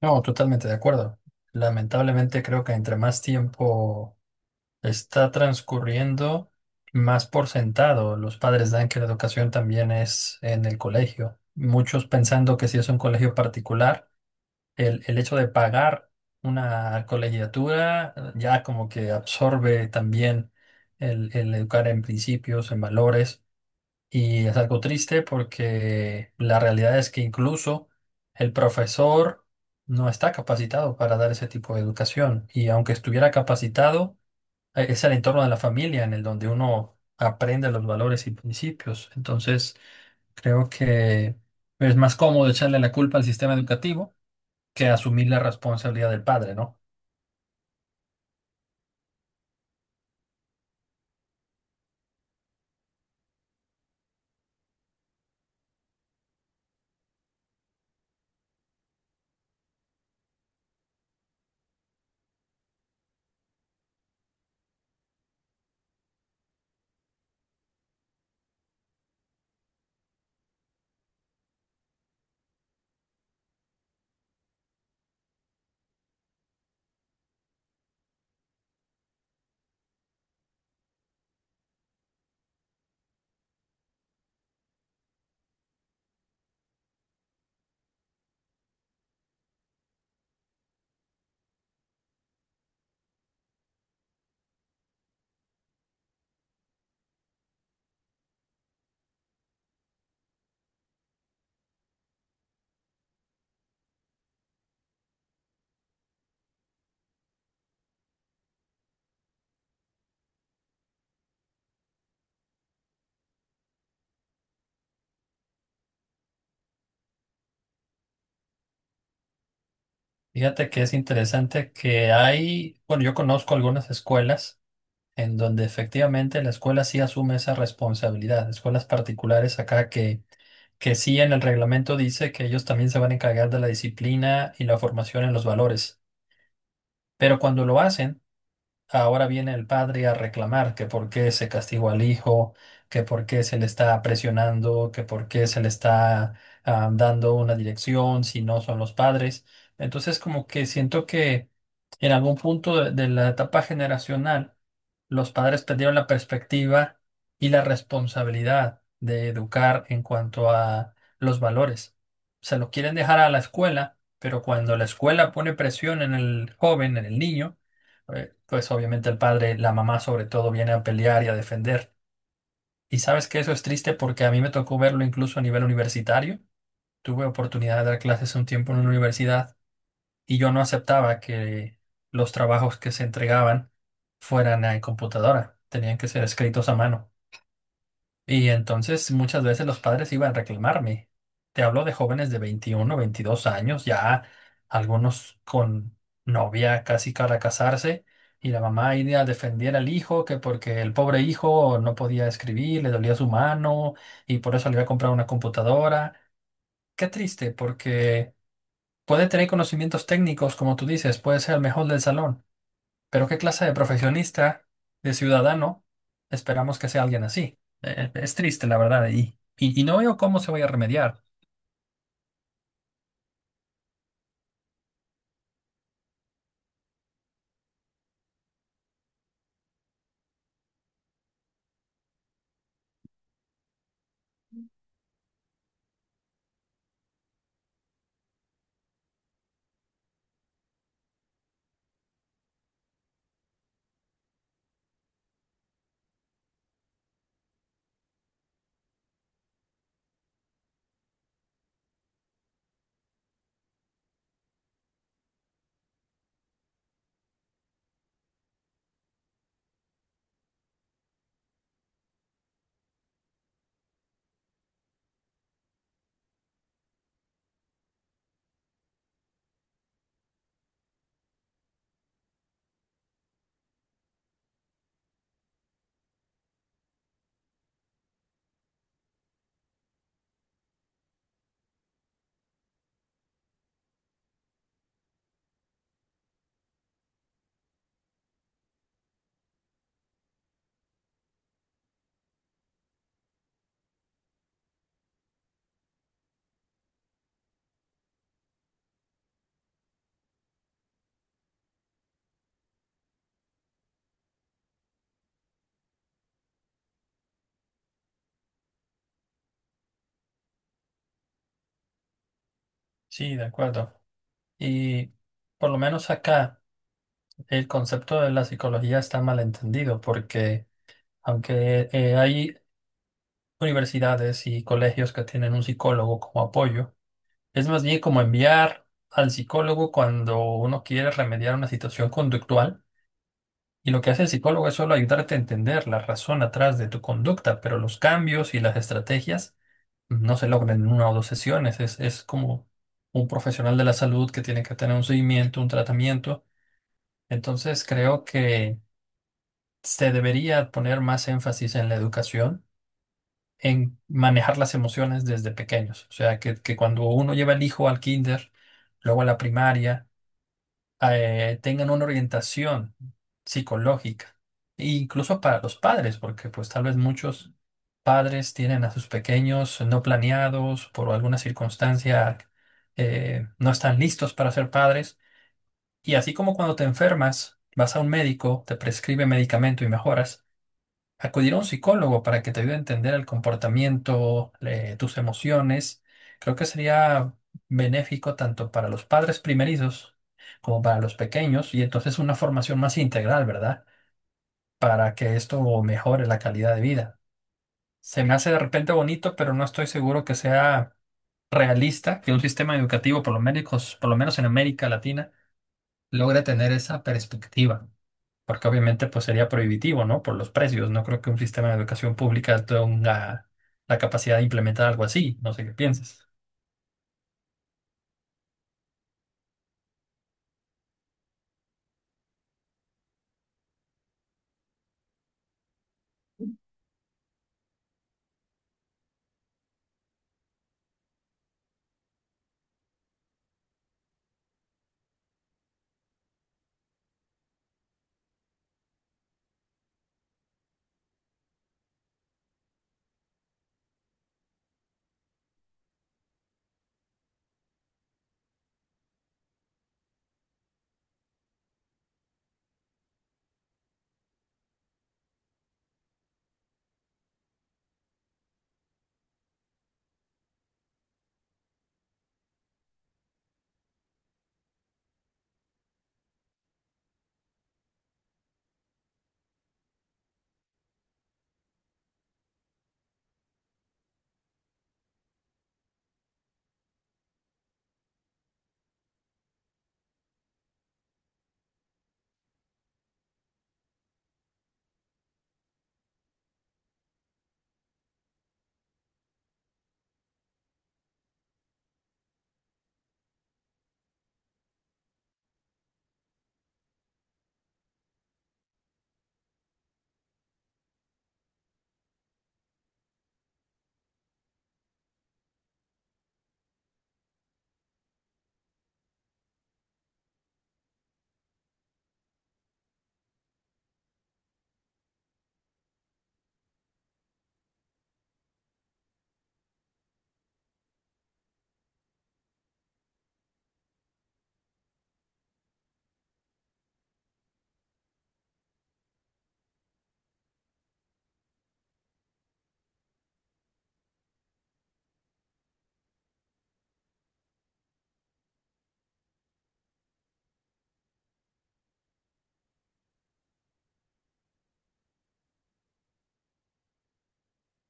No, totalmente de acuerdo. Lamentablemente creo que entre más tiempo está transcurriendo, más por sentado los padres dan que la educación también es en el colegio. Muchos pensando que si es un colegio particular, el hecho de pagar una colegiatura ya como que absorbe también el educar en principios, en valores. Y es algo triste porque la realidad es que incluso el profesor no está capacitado para dar ese tipo de educación. Y aunque estuviera capacitado, es el entorno de la familia en el donde uno aprende los valores y principios. Entonces, creo que es más cómodo echarle la culpa al sistema educativo que asumir la responsabilidad del padre, ¿no? Fíjate que es interesante que hay, bueno, yo conozco algunas escuelas en donde efectivamente la escuela sí asume esa responsabilidad. Escuelas particulares acá que sí en el reglamento dice que ellos también se van a encargar de la disciplina y la formación en los valores. Pero cuando lo hacen, ahora viene el padre a reclamar que por qué se castigó al hijo, que por qué se le está presionando, que por qué se le está dando una dirección si no son los padres. Entonces, como que siento que en algún punto de la etapa generacional, los padres perdieron la perspectiva y la responsabilidad de educar en cuanto a los valores. Se lo quieren dejar a la escuela, pero cuando la escuela pone presión en el joven, en el niño, pues obviamente el padre, la mamá sobre todo, viene a pelear y a defender. Y sabes que eso es triste porque a mí me tocó verlo incluso a nivel universitario. Tuve oportunidad de dar clases un tiempo en una universidad y yo no aceptaba que los trabajos que se entregaban fueran en computadora. Tenían que ser escritos a mano. Y entonces muchas veces los padres iban a reclamarme. Te hablo de jóvenes de 21 22 años, ya algunos con novia casi para casarse, y la mamá iba a defender al hijo, que porque el pobre hijo no podía escribir, le dolía su mano, y por eso le iba a comprar una computadora. Qué triste, porque puede tener conocimientos técnicos, como tú dices, puede ser el mejor del salón, pero ¿qué clase de profesionista, de ciudadano, esperamos que sea alguien así? Es triste, la verdad, y no veo cómo se vaya a remediar. Sí, de acuerdo. Y por lo menos acá el concepto de la psicología está malentendido, porque aunque hay universidades y colegios que tienen un psicólogo como apoyo, es más bien como enviar al psicólogo cuando uno quiere remediar una situación conductual. Y lo que hace el psicólogo es solo ayudarte a entender la razón atrás de tu conducta, pero los cambios y las estrategias no se logran en una o dos sesiones. Es como un profesional de la salud que tiene que tener un seguimiento, un tratamiento. Entonces creo que se debería poner más énfasis en la educación, en manejar las emociones desde pequeños. O sea, que cuando uno lleva al hijo al kinder, luego a la primaria, tengan una orientación psicológica, e incluso para los padres, porque pues tal vez muchos padres tienen a sus pequeños no planeados por alguna circunstancia, no están listos para ser padres. Y así como cuando te enfermas, vas a un médico, te prescribe medicamento y mejoras. Acudir a un psicólogo para que te ayude a entender el comportamiento, tus emociones, creo que sería benéfico tanto para los padres primerizos como para los pequeños y entonces una formación más integral, ¿verdad? Para que esto mejore la calidad de vida. Se me hace de repente bonito, pero no estoy seguro que sea realista que un sistema educativo, por lo menos en América Latina, logre tener esa perspectiva. Porque obviamente pues sería prohibitivo, ¿no? Por los precios. No creo que un sistema de educación pública tenga la capacidad de implementar algo así. No sé qué piensas.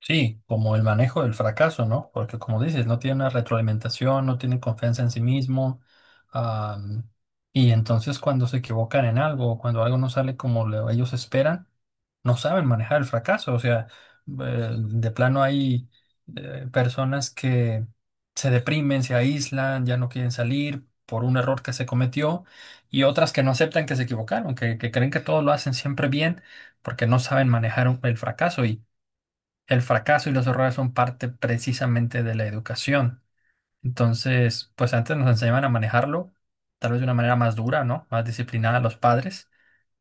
Sí, como el manejo del fracaso, ¿no? Porque como dices, no tiene una retroalimentación, no tiene confianza en sí mismo. am, y entonces cuando se equivocan en algo, cuando algo no sale como ellos esperan, no saben manejar el fracaso. O sea, de plano hay personas que se deprimen, se aíslan, ya no quieren salir por un error que se cometió y otras que no aceptan que se equivocaron, que creen que todo lo hacen siempre bien porque no saben manejar el fracaso. El fracaso y los errores son parte precisamente de la educación. Entonces, pues antes nos enseñaban a manejarlo, tal vez de una manera más dura, ¿no? Más disciplinada a los padres,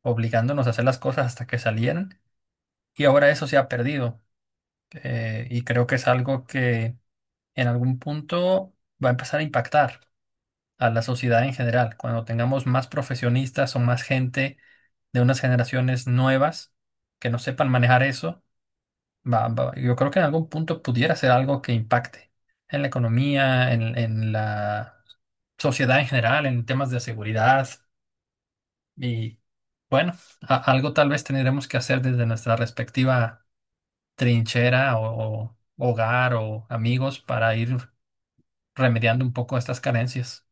obligándonos a hacer las cosas hasta que salieran. Y ahora eso se ha perdido. Y creo que es algo que en algún punto va a empezar a impactar a la sociedad en general. Cuando tengamos más profesionistas o más gente de unas generaciones nuevas que no sepan manejar eso, yo creo que en algún punto pudiera ser algo que impacte en la economía, en la sociedad en general, en temas de seguridad. Y bueno, algo tal vez tendremos que hacer desde nuestra respectiva trinchera o hogar o amigos para ir remediando un poco estas carencias.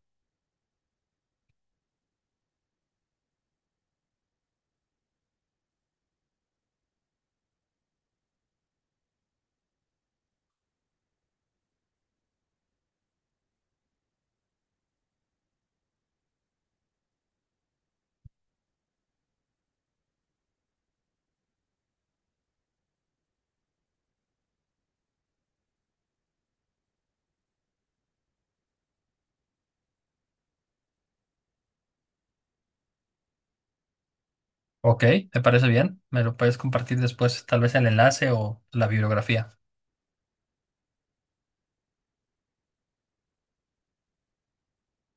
Ok, ¿te parece bien? ¿Me lo puedes compartir después, tal vez el enlace o la bibliografía?